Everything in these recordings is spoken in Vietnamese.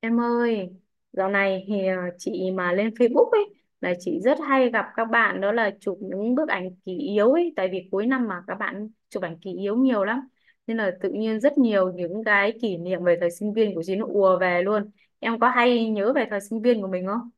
Em ơi, dạo này thì chị mà lên Facebook ấy là chị rất hay gặp các bạn, đó là chụp những bức ảnh kỷ yếu ấy, tại vì cuối năm mà các bạn chụp ảnh kỷ yếu nhiều lắm. Nên là tự nhiên rất nhiều những cái kỷ niệm về thời sinh viên của chị nó ùa về luôn. Em có hay nhớ về thời sinh viên của mình không?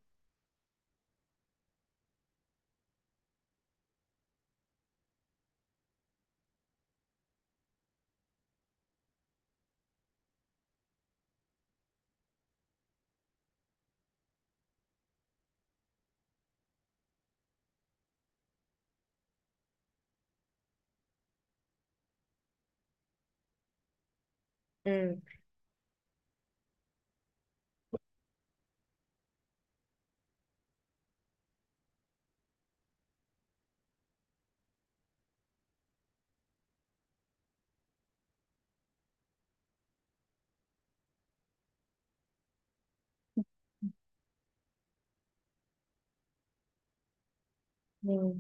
Ừ. Ừ.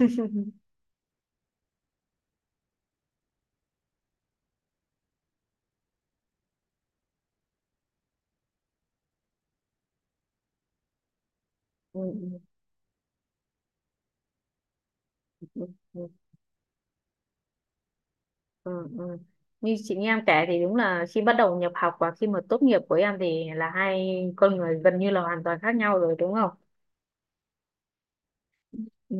Ừ. Ừ. Ừ. Ừ. Ừ. Như chị nghe em kể thì đúng là khi bắt đầu nhập học và khi mà tốt nghiệp của em thì là hai con người gần như là hoàn toàn khác nhau rồi, đúng không? Ừ.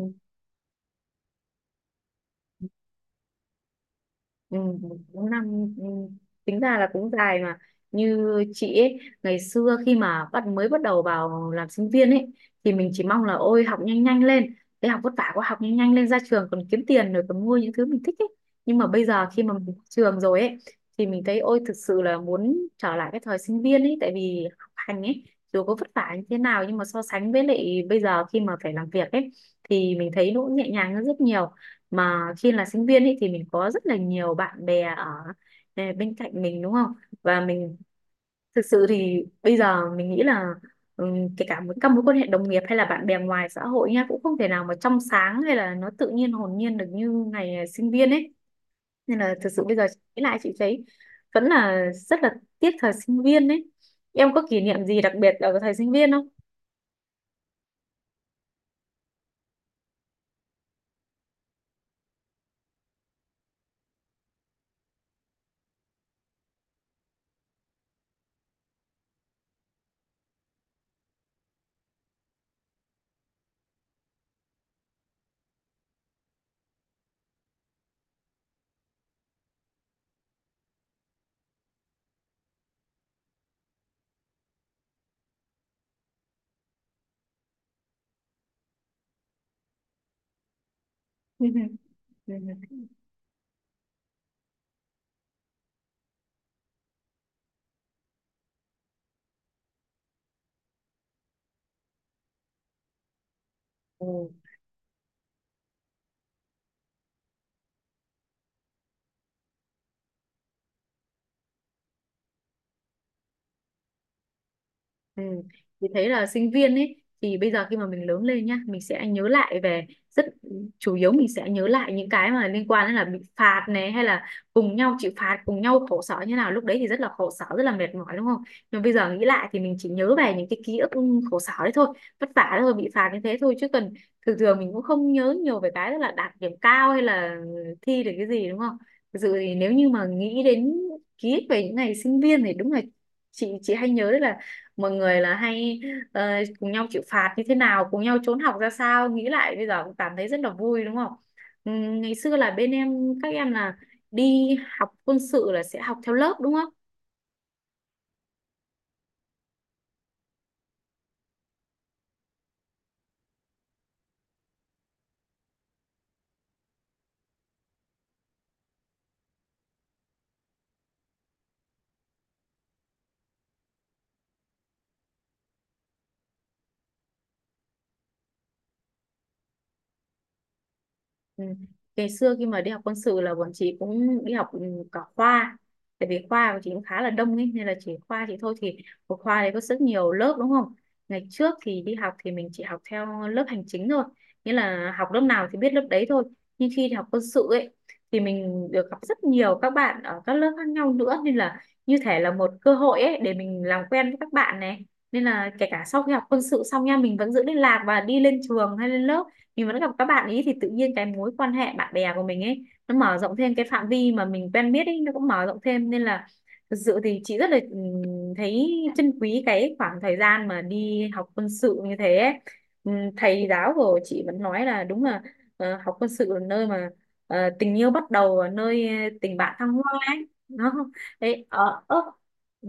Ừ, 4 tính ra là cũng dài. Mà như chị ấy, ngày xưa khi mà mới bắt đầu vào làm sinh viên ấy thì mình chỉ mong là ôi học nhanh nhanh lên, cái học vất vả quá, học nhanh nhanh lên ra trường còn kiếm tiền, rồi còn mua những thứ mình thích ấy. Nhưng mà bây giờ khi mà mình ra trường rồi ấy thì mình thấy ôi thực sự là muốn trở lại cái thời sinh viên ấy, tại vì học hành ấy, dù có vất vả như thế nào nhưng mà so sánh với lại bây giờ khi mà phải làm việc ấy thì mình thấy nó cũng nhẹ nhàng hơn rất nhiều. Mà khi là sinh viên ấy thì mình có rất là nhiều bạn bè ở bên cạnh mình, đúng không? Và mình thực sự thì bây giờ mình nghĩ là, kể cả một các mối quan hệ đồng nghiệp hay là bạn bè ngoài xã hội nha, cũng không thể nào mà trong sáng hay là nó tự nhiên hồn nhiên được như ngày sinh viên ấy. Nên là thực sự bây giờ nghĩ lại chị thấy vẫn là rất là tiếc thời sinh viên ấy. Em có kỷ niệm gì đặc biệt ở thời sinh viên không? Ừ. Ừ. Ừ. Thì thấy là sinh viên ấy thì bây giờ khi mà mình lớn lên nhá, mình sẽ nhớ lại về rất, chủ yếu mình sẽ nhớ lại những cái mà liên quan đến là bị phạt này, hay là cùng nhau chịu phạt, cùng nhau khổ sở như nào. Lúc đấy thì rất là khổ sở, rất là mệt mỏi, đúng không? Nhưng bây giờ nghĩ lại thì mình chỉ nhớ về những cái ký ức khổ sở đấy thôi, vất vả đấy thôi, bị phạt như thế thôi, chứ cần, thường thường mình cũng không nhớ nhiều về cái tức là đạt điểm cao hay là thi được cái gì, đúng không? Thực sự thì nếu như mà nghĩ đến ký ức về những ngày sinh viên thì đúng là chị hay nhớ đấy là mọi người là hay ờ, cùng nhau chịu phạt như thế nào, cùng nhau trốn học ra sao. Nghĩ lại bây giờ cũng cảm thấy rất là vui, đúng không? Ngày xưa là bên em các em là đi học quân sự là sẽ học theo lớp, đúng không? Ừ. Ngày xưa khi mà đi học quân sự là bọn chị cũng đi học cả khoa, tại vì khoa của chị cũng khá là đông ấy nên là chỉ khoa chị thôi thì một khoa đấy có rất nhiều lớp, đúng không? Ngày trước thì đi học thì mình chỉ học theo lớp hành chính thôi, nghĩa là học lớp nào thì biết lớp đấy thôi. Nhưng khi đi học quân sự ấy thì mình được gặp rất nhiều các bạn ở các lớp khác nhau nữa, nên là như thể là một cơ hội ấy để mình làm quen với các bạn này. Nên là kể cả sau khi học quân sự xong nha, mình vẫn giữ liên lạc và đi lên trường hay lên lớp mình vẫn gặp các bạn ý, thì tự nhiên cái mối quan hệ bạn bè của mình ấy nó mở rộng thêm, cái phạm vi mà mình quen biết ấy nó cũng mở rộng thêm. Nên là thực sự thì chị rất là thấy trân quý cái khoảng thời gian mà đi học quân sự như thế ấy. Thầy giáo của chị vẫn nói là đúng là học quân sự là nơi mà tình yêu bắt đầu và nơi tình bạn thăng hoa ấy, nó đấy. Ờ ơ Ừ.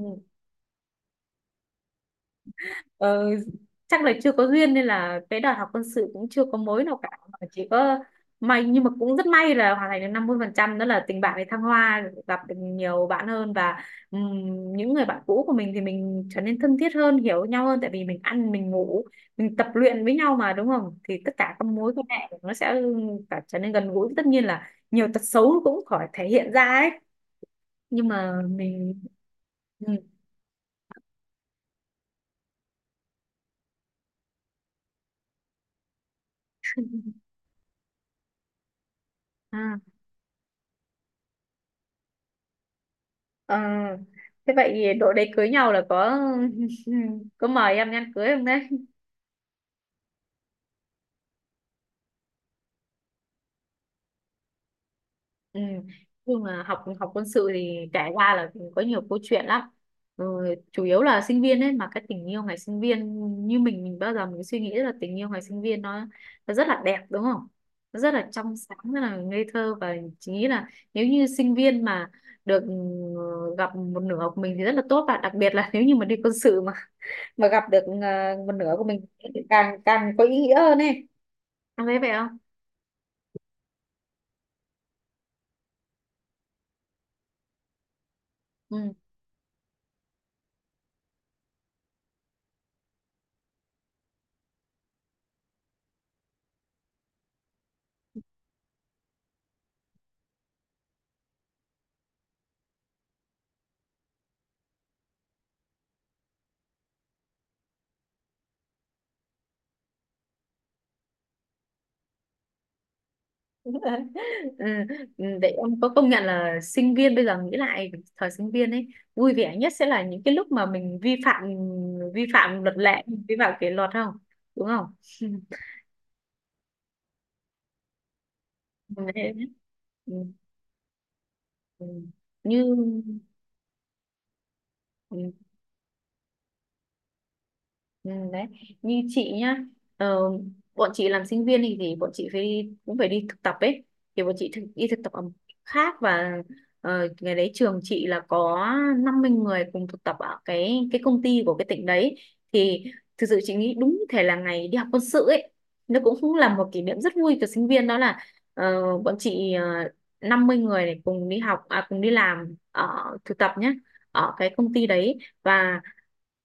Ờ, Chắc là chưa có duyên nên là cái đợt học quân sự cũng chưa có mối nào cả, mà chỉ có may, nhưng mà cũng rất may là hoàn thành được 50%, đó là tình bạn với thăng hoa gặp được nhiều bạn hơn. Và ừm, những người bạn cũ của mình thì mình trở nên thân thiết hơn, hiểu nhau hơn, tại vì mình ăn mình ngủ mình tập luyện với nhau mà, đúng không? Thì tất cả các mối quan hệ nó sẽ cả trở nên gần gũi, tất nhiên là nhiều tật xấu cũng khỏi thể hiện ra ấy, nhưng mà mình. Ừ. Ờ, Thế vậy đội đấy cưới nhau là có có mời em đi ăn cưới không đấy? Ừ. Nhưng mà học học quân sự thì kể ra là có nhiều câu chuyện lắm. Ừ, chủ yếu là sinh viên ấy mà cái tình yêu ngày sinh viên, như mình bao giờ mình suy nghĩ là tình yêu ngày sinh viên nó rất là đẹp, đúng không? Nó rất là trong sáng, rất là ngây thơ, và chỉ nghĩ là nếu như sinh viên mà được gặp một nửa của mình thì rất là tốt, và đặc biệt là nếu như mà đi quân sự mà gặp được một nửa của mình thì càng càng có ý nghĩa hơn ấy. Em thấy vậy không? Ừ. Ừ, ừ, vậy ông có công nhận là sinh viên, bây giờ nghĩ lại thời sinh viên ấy, vui vẻ nhất sẽ là những cái lúc mà mình vi phạm, vi phạm luật lệ, vi phạm kỷ luật không, đúng không? Đấy. Ừ. Ừ. Như, ừ. Ừ, đấy như chị nhá, ờ, bọn chị làm sinh viên thì, bọn chị phải cũng phải đi thực tập ấy, thì bọn chị đi thực tập ở một khác. Và ngày đấy trường chị là có 50 cùng thực tập ở cái công ty của cái tỉnh đấy, thì thực sự chị nghĩ đúng như thể là ngày đi học quân sự ấy, nó cũng cũng là một kỷ niệm rất vui của sinh viên. Đó là bọn chị, 50 này cùng cùng đi làm ở thực tập nhá, ở cái công ty đấy, và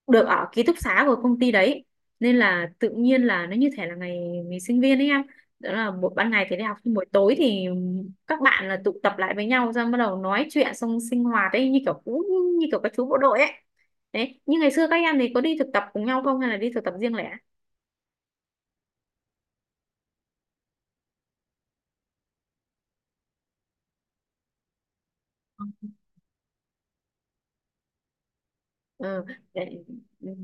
được ở ký túc xá của công ty đấy. Nên là tự nhiên là nó như thể là ngày ngày sinh viên ấy em. Đó là ban ngày thì đi học nhưng buổi tối thì các bạn là tụ tập lại với nhau ra bắt đầu nói chuyện xong sinh hoạt ấy, như kiểu các chú bộ đội ấy. Đấy, như ngày xưa các em thì có đi thực tập cùng nhau không hay là đi thực tập riêng lẻ? Ừ. để- ừ.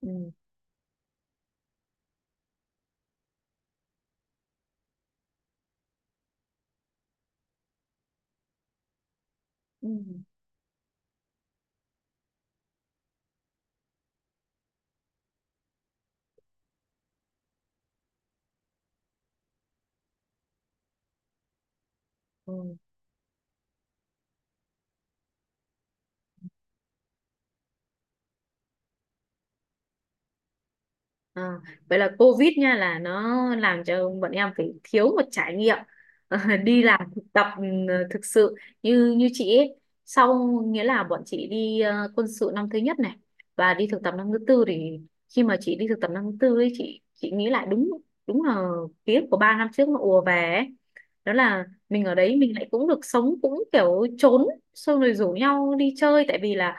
Ừ. Ừ. Ừ. Ờ, Vậy là Covid nha là nó làm cho bọn em phải thiếu một trải nghiệm ờ, đi làm thực tập thực sự. Như như chị ấy, Sau nghĩa là bọn chị đi quân sự năm thứ nhất này và đi thực tập năm thứ tư. Thì khi mà chị đi thực tập năm thứ tư ấy, chị nghĩ lại, đúng đúng là ký ức của 3 trước nó ùa về ấy. Đó là mình ở đấy mình lại cũng được sống cũng kiểu trốn xong rồi rủ nhau đi chơi, tại vì là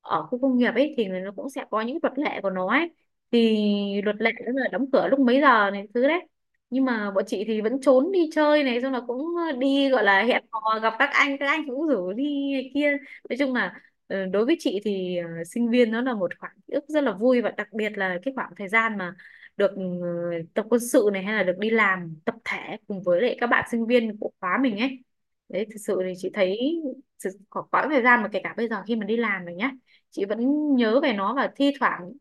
ở khu công nghiệp ấy thì nó cũng sẽ có những luật lệ của nó ấy. Thì luật lệ đó là đóng cửa lúc mấy giờ này thứ đấy, nhưng mà bọn chị thì vẫn trốn đi chơi này xong là cũng đi gọi là hẹn hò gặp các anh, các anh cũng rủ đi này kia. Nói chung là đối với chị thì sinh viên nó là một khoảng ký ức rất là vui, và đặc biệt là cái khoảng thời gian mà được tập quân sự này hay là được đi làm tập thể cùng với lại các bạn sinh viên của khóa mình ấy. Đấy thực sự thì chị thấy có quãng thời gian mà kể cả bây giờ khi mà đi làm rồi nhá, chị vẫn nhớ về nó. Và thi thoảng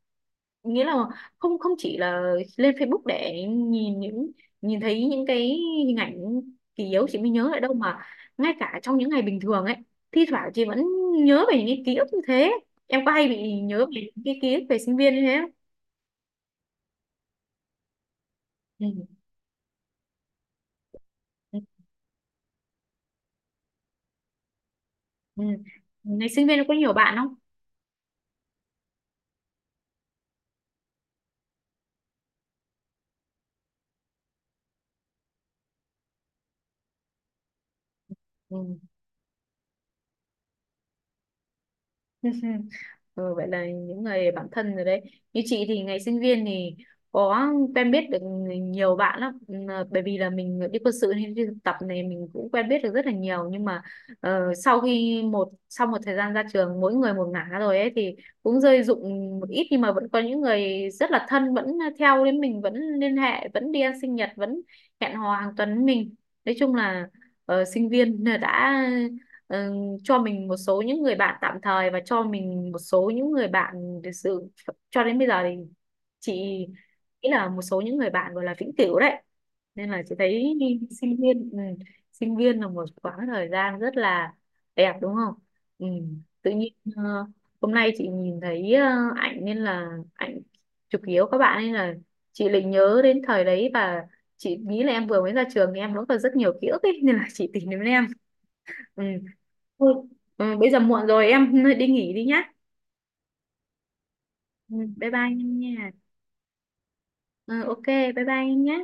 nghĩa là không không chỉ là lên Facebook để nhìn thấy những cái hình ảnh kỷ yếu chị mới nhớ lại đâu, mà ngay cả trong những ngày bình thường ấy thi thoảng chị vẫn nhớ về những cái ký ức như thế. Em có hay bị nhớ về những cái ký ức về sinh viên như thế không? Ừ. Ừ. Ngày sinh viên có nhiều bạn không? Ừ. Ừ, vậy là những người bạn thân rồi đấy. Như chị thì ngày sinh viên thì có quen biết được nhiều bạn lắm. Ừ, bởi vì là mình đi quân sự nên đi thực tập này mình cũng quen biết được rất là nhiều, nhưng mà sau khi sau một thời gian ra trường mỗi người một ngả rồi ấy thì cũng rơi rụng một ít, nhưng mà vẫn có những người rất là thân vẫn theo đến mình, vẫn liên hệ, vẫn đi ăn sinh nhật, vẫn hẹn hò hàng tuần với mình. Nói chung là sinh viên đã ờ, cho mình một số những người bạn tạm thời và cho mình một số những người bạn thực sự, cho đến bây giờ thì chị nghĩ là một số những người bạn gọi là vĩnh cửu đấy. Nên là chị thấy sinh viên ừ, sinh viên là một quãng thời gian rất là đẹp, đúng không? Ừ. Tự nhiên hôm nay chị nhìn thấy ảnh nên là ảnh chụp yếu các bạn nên là chị lại nhớ đến thời đấy, và chị nghĩ là em vừa mới ra trường thì em vẫn còn rất nhiều ký ức ấy nên là chị tìm đến em. Ừ. Thôi, ừ, bây giờ muộn rồi em đi nghỉ đi nhá. Ừ, bye bye em nha. Ừ, ok, bye bye em nhá.